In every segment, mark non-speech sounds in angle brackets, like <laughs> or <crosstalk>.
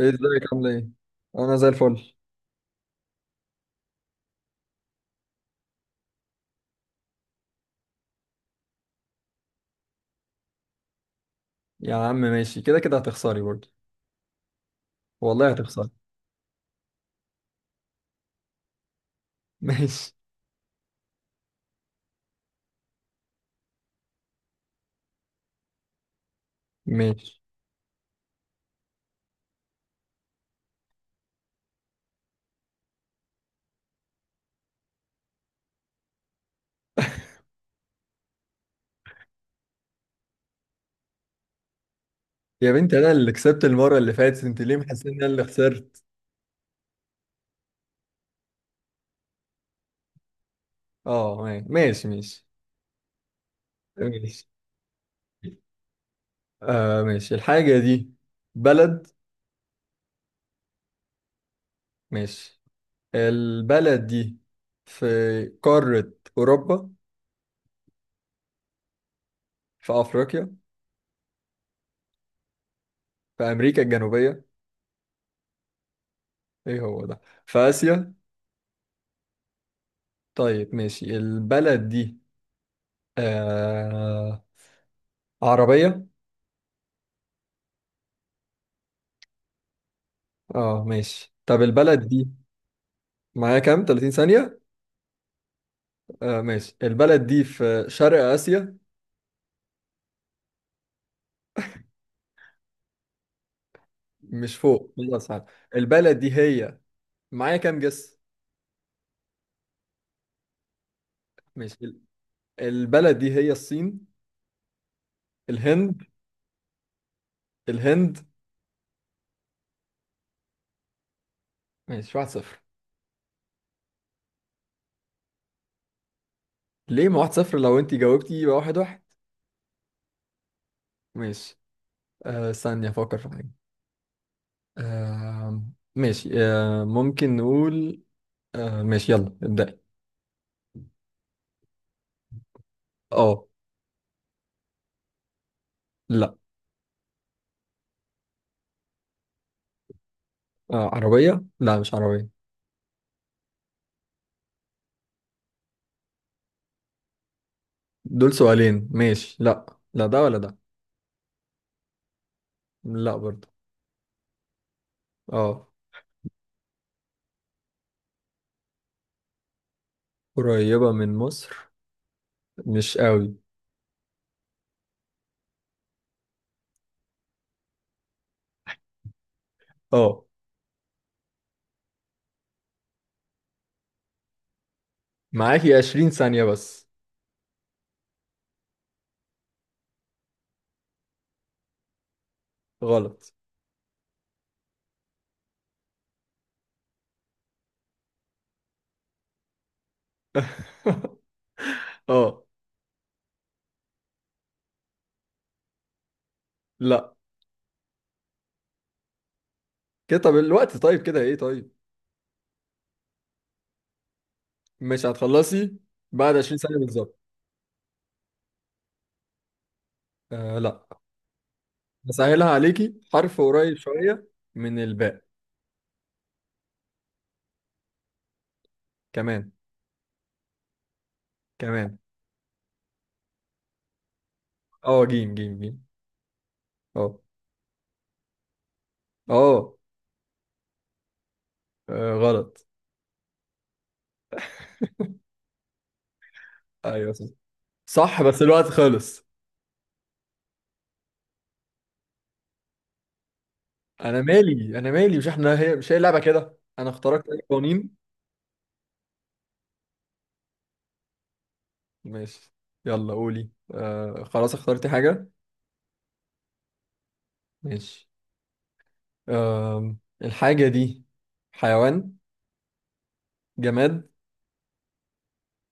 ايه، ازيك؟ عامله ايه؟ انا زي الفل. يا عم ماشي، كده كده هتخسري برضه. والله هتخسري. <laughs> ماشي، ماشي. يا بنت، انا اللي كسبت المره اللي فاتت، انت ليه محسسه ان انا اللي خسرت؟ اه ماشي، ماشي ماشي. ماشي. الحاجه دي بلد؟ ماشي. البلد دي في قاره اوروبا؟ في افريقيا؟ في امريكا الجنوبيه؟ ايه هو ده؟ في اسيا؟ طيب ماشي. البلد دي آه عربيه؟ اه ماشي. طب البلد دي معايا كام، 30 ثانية؟ ماشي. البلد دي في شرق آسيا؟ مش فوق، خلاص عارف. البلد دي هي، معايا كام جس؟ ماشي البلد دي هي الصين؟ الهند؟ الهند. ماشي، 1-0. ليه ما 1-0؟ لو انت جاوبتي يبقى 1-1. ماشي. ثانية افكر في حاجة. آه ماشي آه ممكن نقول ماشي، يلا ابدأي. اه. لا. عربية؟ لا، مش عربية. دول سؤالين، ماشي. لا، لا ده ولا ده. لا برضه. اه. قريبة من مصر، مش قوي. اه. معاكي 20 ثانية بس. غلط. <laughs> اه. لا كده، طب الوقت، طيب كده ايه؟ طيب مش هتخلصي بعد 20 ثانية بالظبط. لا. بسهلها عليكي، حرف قريب شوية من الباء. كمان. كمان. اه جيم، جيم، جيم. اه. اه. غلط. ايوه صح. صح بس الوقت خلص. انا مالي، انا مالي، مش احنا هي، مش هي لعبه كده انا اخترت اي قوانين. ماشي، يلا قولي. خلاص اخترتي حاجه؟ ماشي. آه الحاجه دي حيوان؟ جماد؟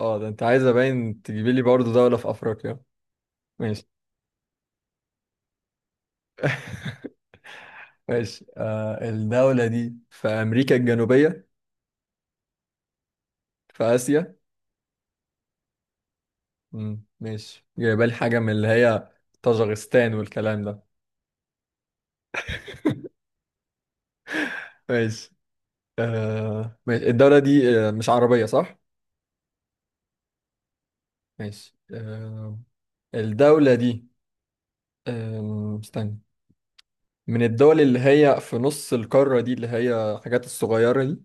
اه ده انت عايزه باين تجيبي لي برضه دوله في افريقيا. ماشي. <laughs> ماشي. الدوله دي في امريكا الجنوبيه؟ في اسيا؟ ماشي، جايبه لي حاجه من اللي هي طاجغستان والكلام ده. ماشي. ماشي، الدوله دي مش عربيه صح؟ ماشي. الدولة دي استنى، من الدول اللي هي في نص القارة دي، اللي هي حاجات الصغيرة دي؟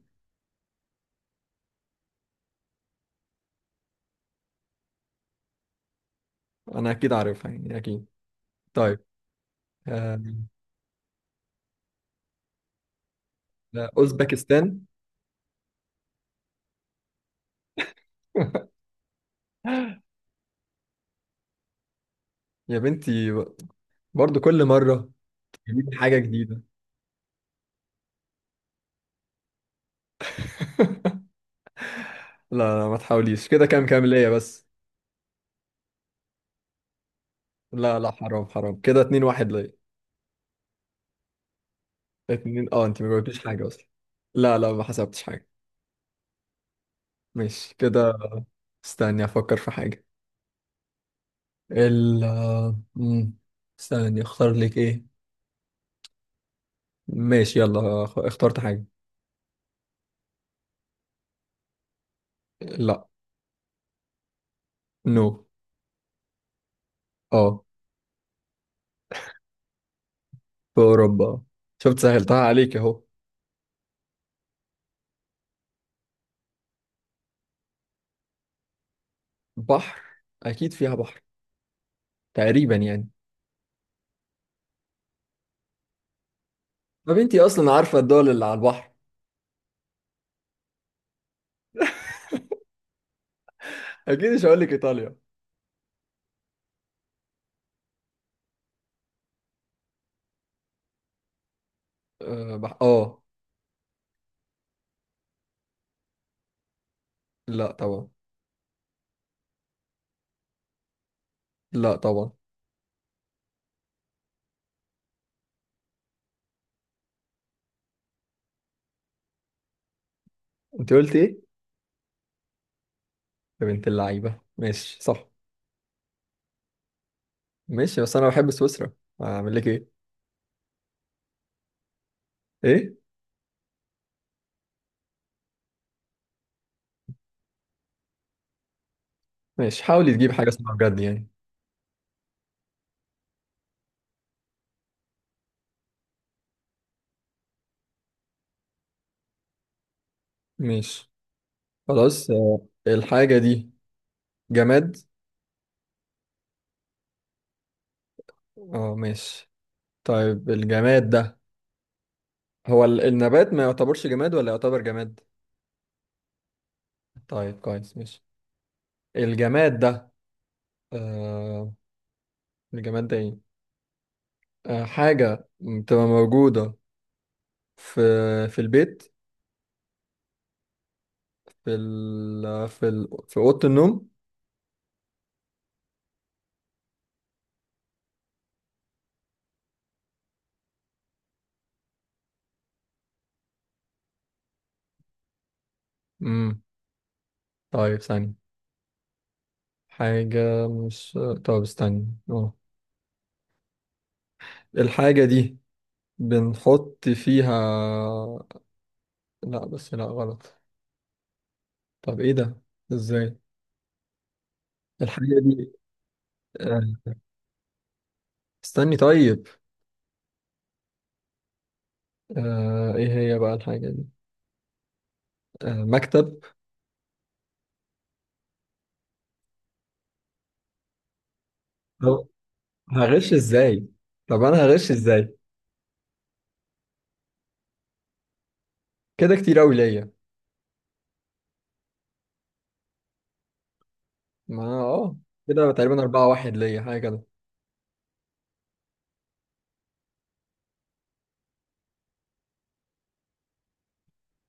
أنا أكيد عارفها يعني، أكيد. طيب أم، لا، أوزبكستان. <laughs> يا بنتي، برضو كل مرة تجيب حاجة جديدة. <laughs> لا لا، ما تحاوليش كده، كام كام ليا بس؟ لا لا، حرام حرام، كده 2-1 ليا. اتنين، اه انت ما جاوبتيش حاجة اصلا. لا لا، ما حسبتش حاجة. ماشي كده. استني افكر في حاجة. ال آه، مم. استني اختار لك ايه. ماشي يلا اخترت حاجة. لا. نو. اه. في اوروبا. شفت سهلتها عليك اهو. بحر. اكيد فيها بحر. تقريبا يعني. ما بنتي اصلا عارفة الدول اللي على البحر. <laughs> اكيد مش هقول لك ايطاليا. اه اه. لا طبعا. لا طبعا. انت قلت ايه؟ يا بنت اللعيبة ماشي صح. ماشي، بس انا بحب سويسرا، اعمل لك ايه؟ ايه؟ ماشي، حاولي تجيب حاجة اسمها بجد يعني. ماشي خلاص. الحاجة دي جماد؟ اه ماشي. طيب الجماد ده، هو النبات ما يعتبرش جماد ولا يعتبر جماد؟ طيب كويس ماشي. الجماد ده آه الجماد ده ايه؟ حاجة بتبقى موجودة في، في البيت، في ال في ال في أوضة النوم؟ امم طيب ثانية. حاجة مش طب استنى اه الحاجة دي بنحط فيها، لا بس لا غلط. طب ايه ده؟ ازاي؟ الحاجة دي، آه، استني طيب. ايه هي بقى الحاجة دي؟ مكتب. طب هغش ازاي؟ طب انا هغش ازاي؟ كده كتير قوي ليا. ما انا اه كده تقريبا 4-1 ليا، حاجة كده.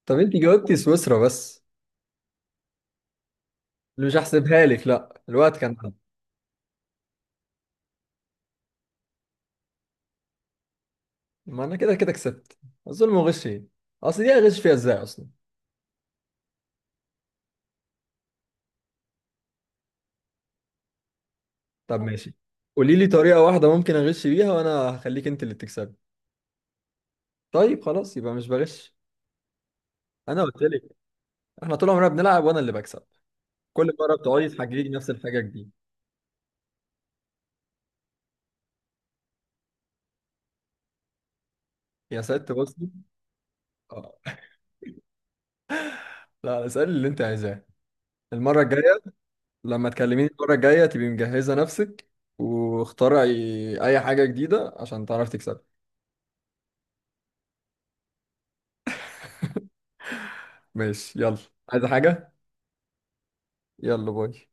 طب انت جاوبتي سويسرا بس، اللي مش هحسبها لك لا الوقت كان عدى. ما انا كده كده كسبت. الظلم وغش ايه؟ اصل دي هغش فيها ازاي اصلا؟ طب ماشي، قولي لي طريقة واحدة ممكن اغش بيها وانا هخليك انت اللي تكسبي. طيب خلاص، يبقى مش بغش. انا قلت لك، احنا طول عمرنا بنلعب وانا اللي بكسب. كل مرة بتقعدي تحججي نفس الحاجة جديد. يا ست بصي. آه. <laughs> لا اسألي اللي انت عايزاه المرة الجاية. لما تكلميني المرة الجاية تبقي مجهزة نفسك، واخترعي أي حاجة جديدة عشان تعرفي تكسبي. ماشي يلا. عايزة حاجة؟ يلا باي.